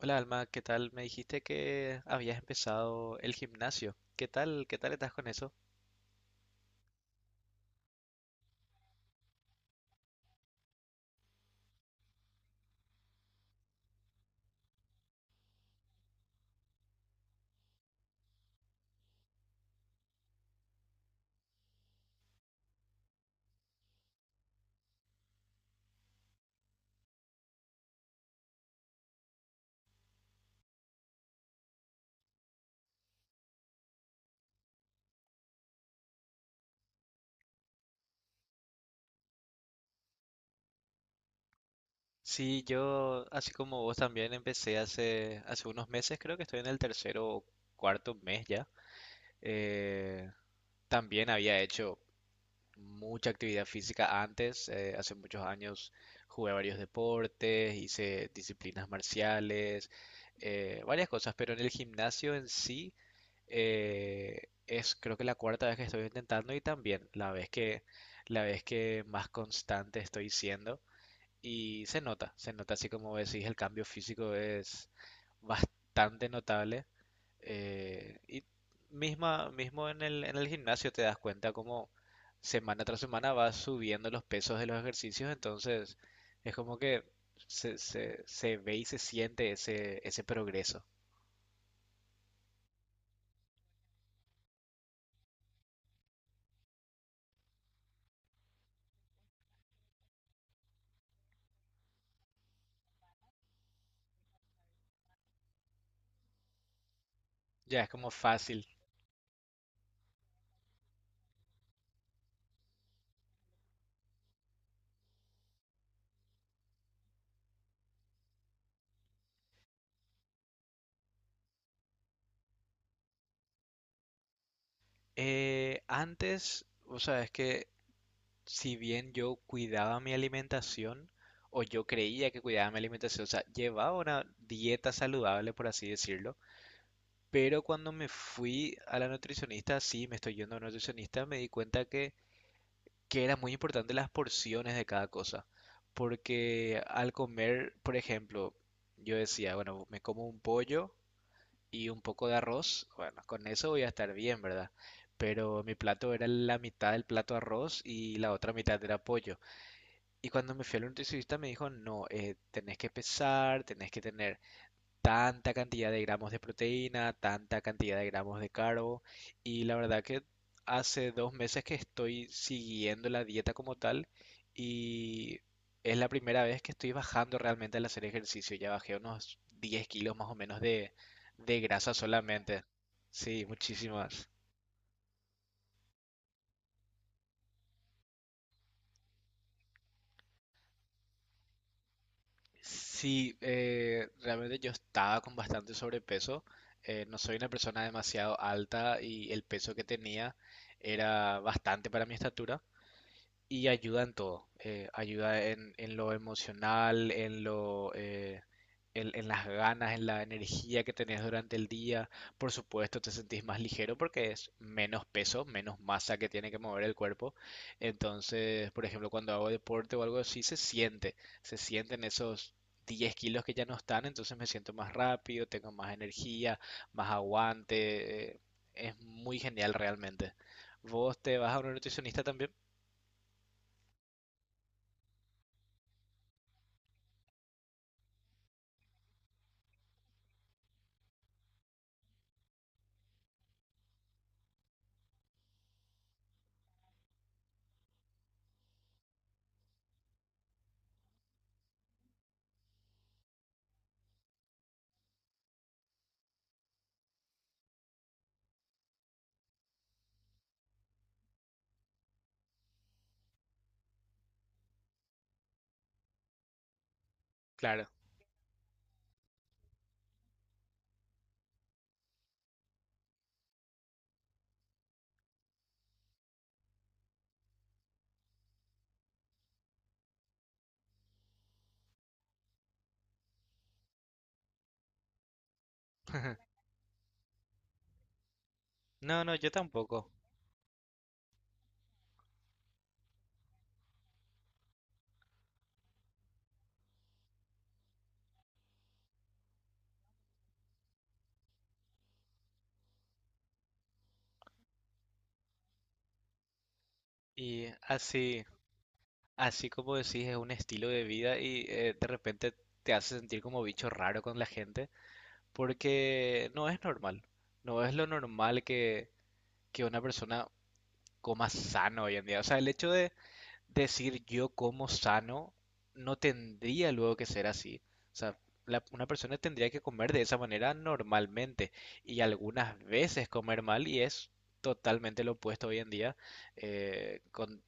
Hola Alma, ¿qué tal? Me dijiste que habías empezado el gimnasio. ¿Qué tal? ¿Qué tal estás con eso? Sí, yo, así como vos también, empecé hace unos meses, creo que estoy en el tercero o cuarto mes ya. Eh, también había hecho mucha actividad física antes, hace muchos años jugué varios deportes, hice disciplinas marciales, varias cosas, pero en el gimnasio en sí es creo que la cuarta vez que estoy intentando y también la vez que más constante estoy siendo y se nota así como decís, el cambio físico es bastante notable. Y mismo en en el gimnasio te das cuenta como semana tras semana vas subiendo los pesos de los ejercicios, entonces es como que se ve y se siente ese progreso. Ya es como fácil. Antes, o sea, es que si bien yo cuidaba mi alimentación, o yo creía que cuidaba mi alimentación, o sea, llevaba una dieta saludable, por así decirlo. Pero cuando me fui a la nutricionista, sí, me estoy yendo a una nutricionista, me di cuenta que era muy importante las porciones de cada cosa. Porque al comer, por ejemplo, yo decía, bueno, me como un pollo y un poco de arroz, bueno, con eso voy a estar bien, ¿verdad? Pero mi plato era la mitad del plato arroz y la otra mitad era pollo. Y cuando me fui al nutricionista me dijo, no, tenés que pesar, tenés que tener tanta cantidad de gramos de proteína, tanta cantidad de gramos de carbo, y la verdad que hace dos meses que estoy siguiendo la dieta como tal, y es la primera vez que estoy bajando realmente al hacer ejercicio. Ya bajé unos 10 kilos más o menos de grasa solamente. Sí, muchísimas. Sí, realmente yo estaba con bastante sobrepeso. No soy una persona demasiado alta y el peso que tenía era bastante para mi estatura. Y ayuda en todo. Ayuda en lo emocional, en las ganas, en la energía que tenés durante el día. Por supuesto, te sentís más ligero porque es menos peso, menos masa que tiene que mover el cuerpo. Entonces, por ejemplo, cuando hago deporte o algo así, se siente. Se sienten esos 10 kilos que ya no están, entonces me siento más rápido, tengo más energía, más aguante. Es muy genial realmente. ¿Vos te vas a un nutricionista también? Claro. No, no, yo tampoco. Y así, así como decís, es un estilo de vida y de repente te hace sentir como bicho raro con la gente, porque no es normal. No es lo normal que una persona coma sano hoy en día. O sea, el hecho de decir yo como sano no tendría luego que ser así. O sea, una persona tendría que comer de esa manera normalmente y algunas veces comer mal, y es totalmente lo opuesto hoy en día con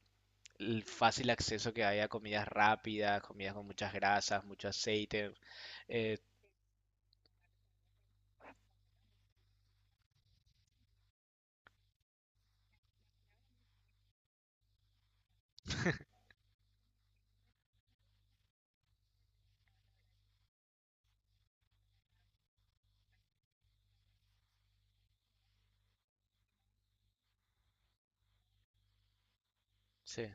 el fácil acceso que hay a comidas rápidas, comidas con muchas grasas, mucho aceite. eh, sí.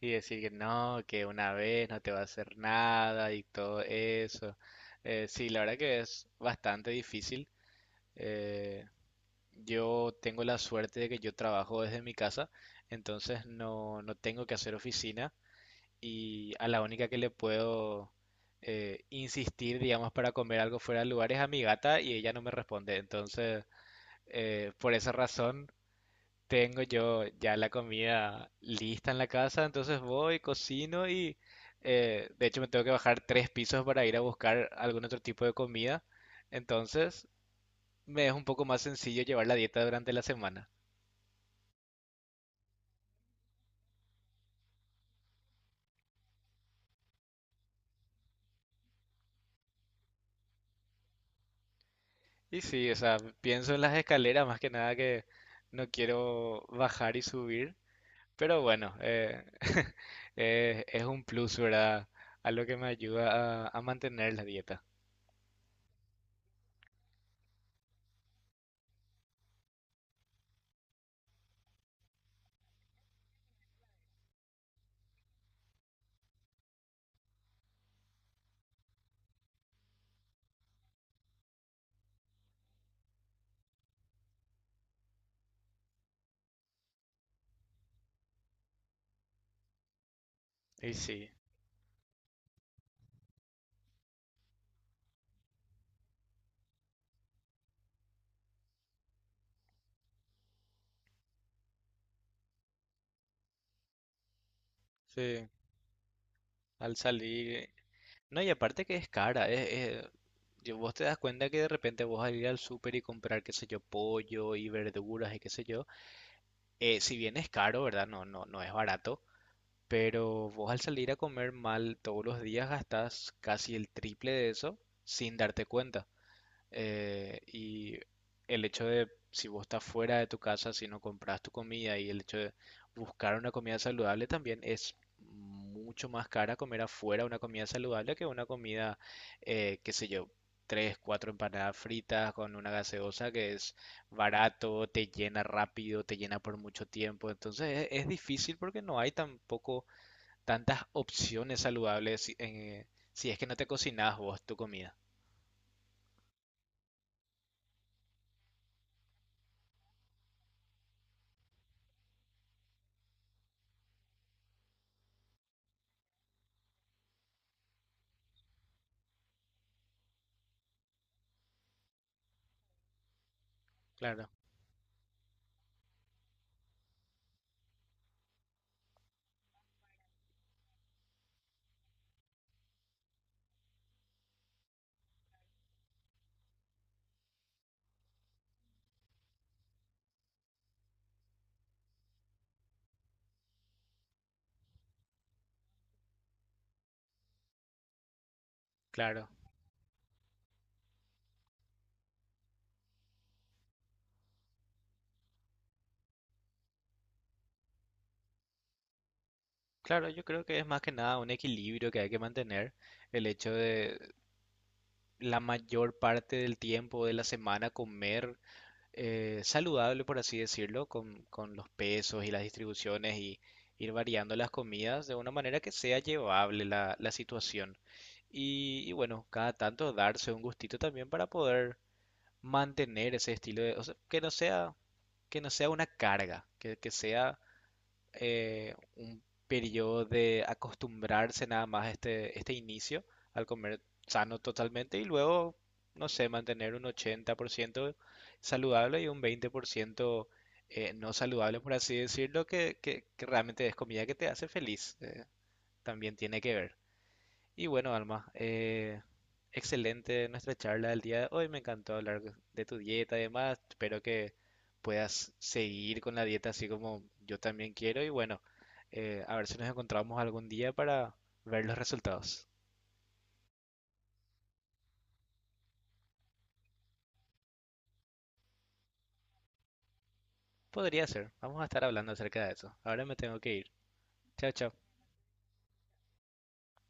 Y decir que no, que una vez no te va a hacer nada y todo eso. Sí, la verdad que es bastante difícil. Eh, Yo tengo la suerte de que yo trabajo desde mi casa, entonces no tengo que hacer oficina, y a la única que le puedo insistir, digamos, para comer algo fuera del lugar es a mi gata, y ella no me responde. Entonces, por esa razón, tengo yo ya la comida lista en la casa, entonces voy, cocino, y de hecho me tengo que bajar tres pisos para ir a buscar algún otro tipo de comida. Entonces, me es un poco más sencillo llevar la dieta durante la semana. Y sí, o sea, pienso en las escaleras más que nada, que no quiero bajar y subir, pero bueno, es un plus, ¿verdad? Algo que me ayuda a mantener la dieta. Y sí, sí, al salir... No, y aparte que es cara, es- vos te das cuenta que de repente vos al ir al súper y comprar, qué sé yo, pollo y verduras y qué sé yo, si bien es caro, ¿verdad? No es barato. Pero vos al salir a comer mal todos los días gastás casi el triple de eso sin darte cuenta. Y el hecho de, si vos estás fuera de tu casa, si no compras tu comida, y el hecho de buscar una comida saludable, también es mucho más cara comer afuera una comida saludable que una comida, qué sé yo, tres, cuatro empanadas fritas con una gaseosa, que es barato, te llena rápido, te llena por mucho tiempo. Entonces es difícil porque no hay tampoco tantas opciones saludables si es que no te cocinas vos tu comida. Claro, claro, claro, yo creo que es más que nada un equilibrio que hay que mantener, el hecho de la mayor parte del tiempo de la semana comer saludable, por así decirlo, con los pesos y las distribuciones, y ir variando las comidas de una manera que sea llevable la situación. Y bueno, cada tanto darse un gustito también para poder mantener ese estilo de, o sea, que no sea una carga, que sea un periodo de acostumbrarse nada más a este inicio al comer sano totalmente, y luego, no sé, mantener un 80% saludable y un 20% no saludable, por así decirlo, que realmente es comida que te hace feliz. También tiene que ver. Y bueno, Alma, excelente nuestra charla del día de hoy. Me encantó hablar de tu dieta y demás. Espero que puedas seguir con la dieta, así como yo también quiero. Y bueno, a ver si nos encontramos algún día para ver los resultados. Podría ser. Vamos a estar hablando acerca de eso. Ahora me tengo que ir. Chao, chao.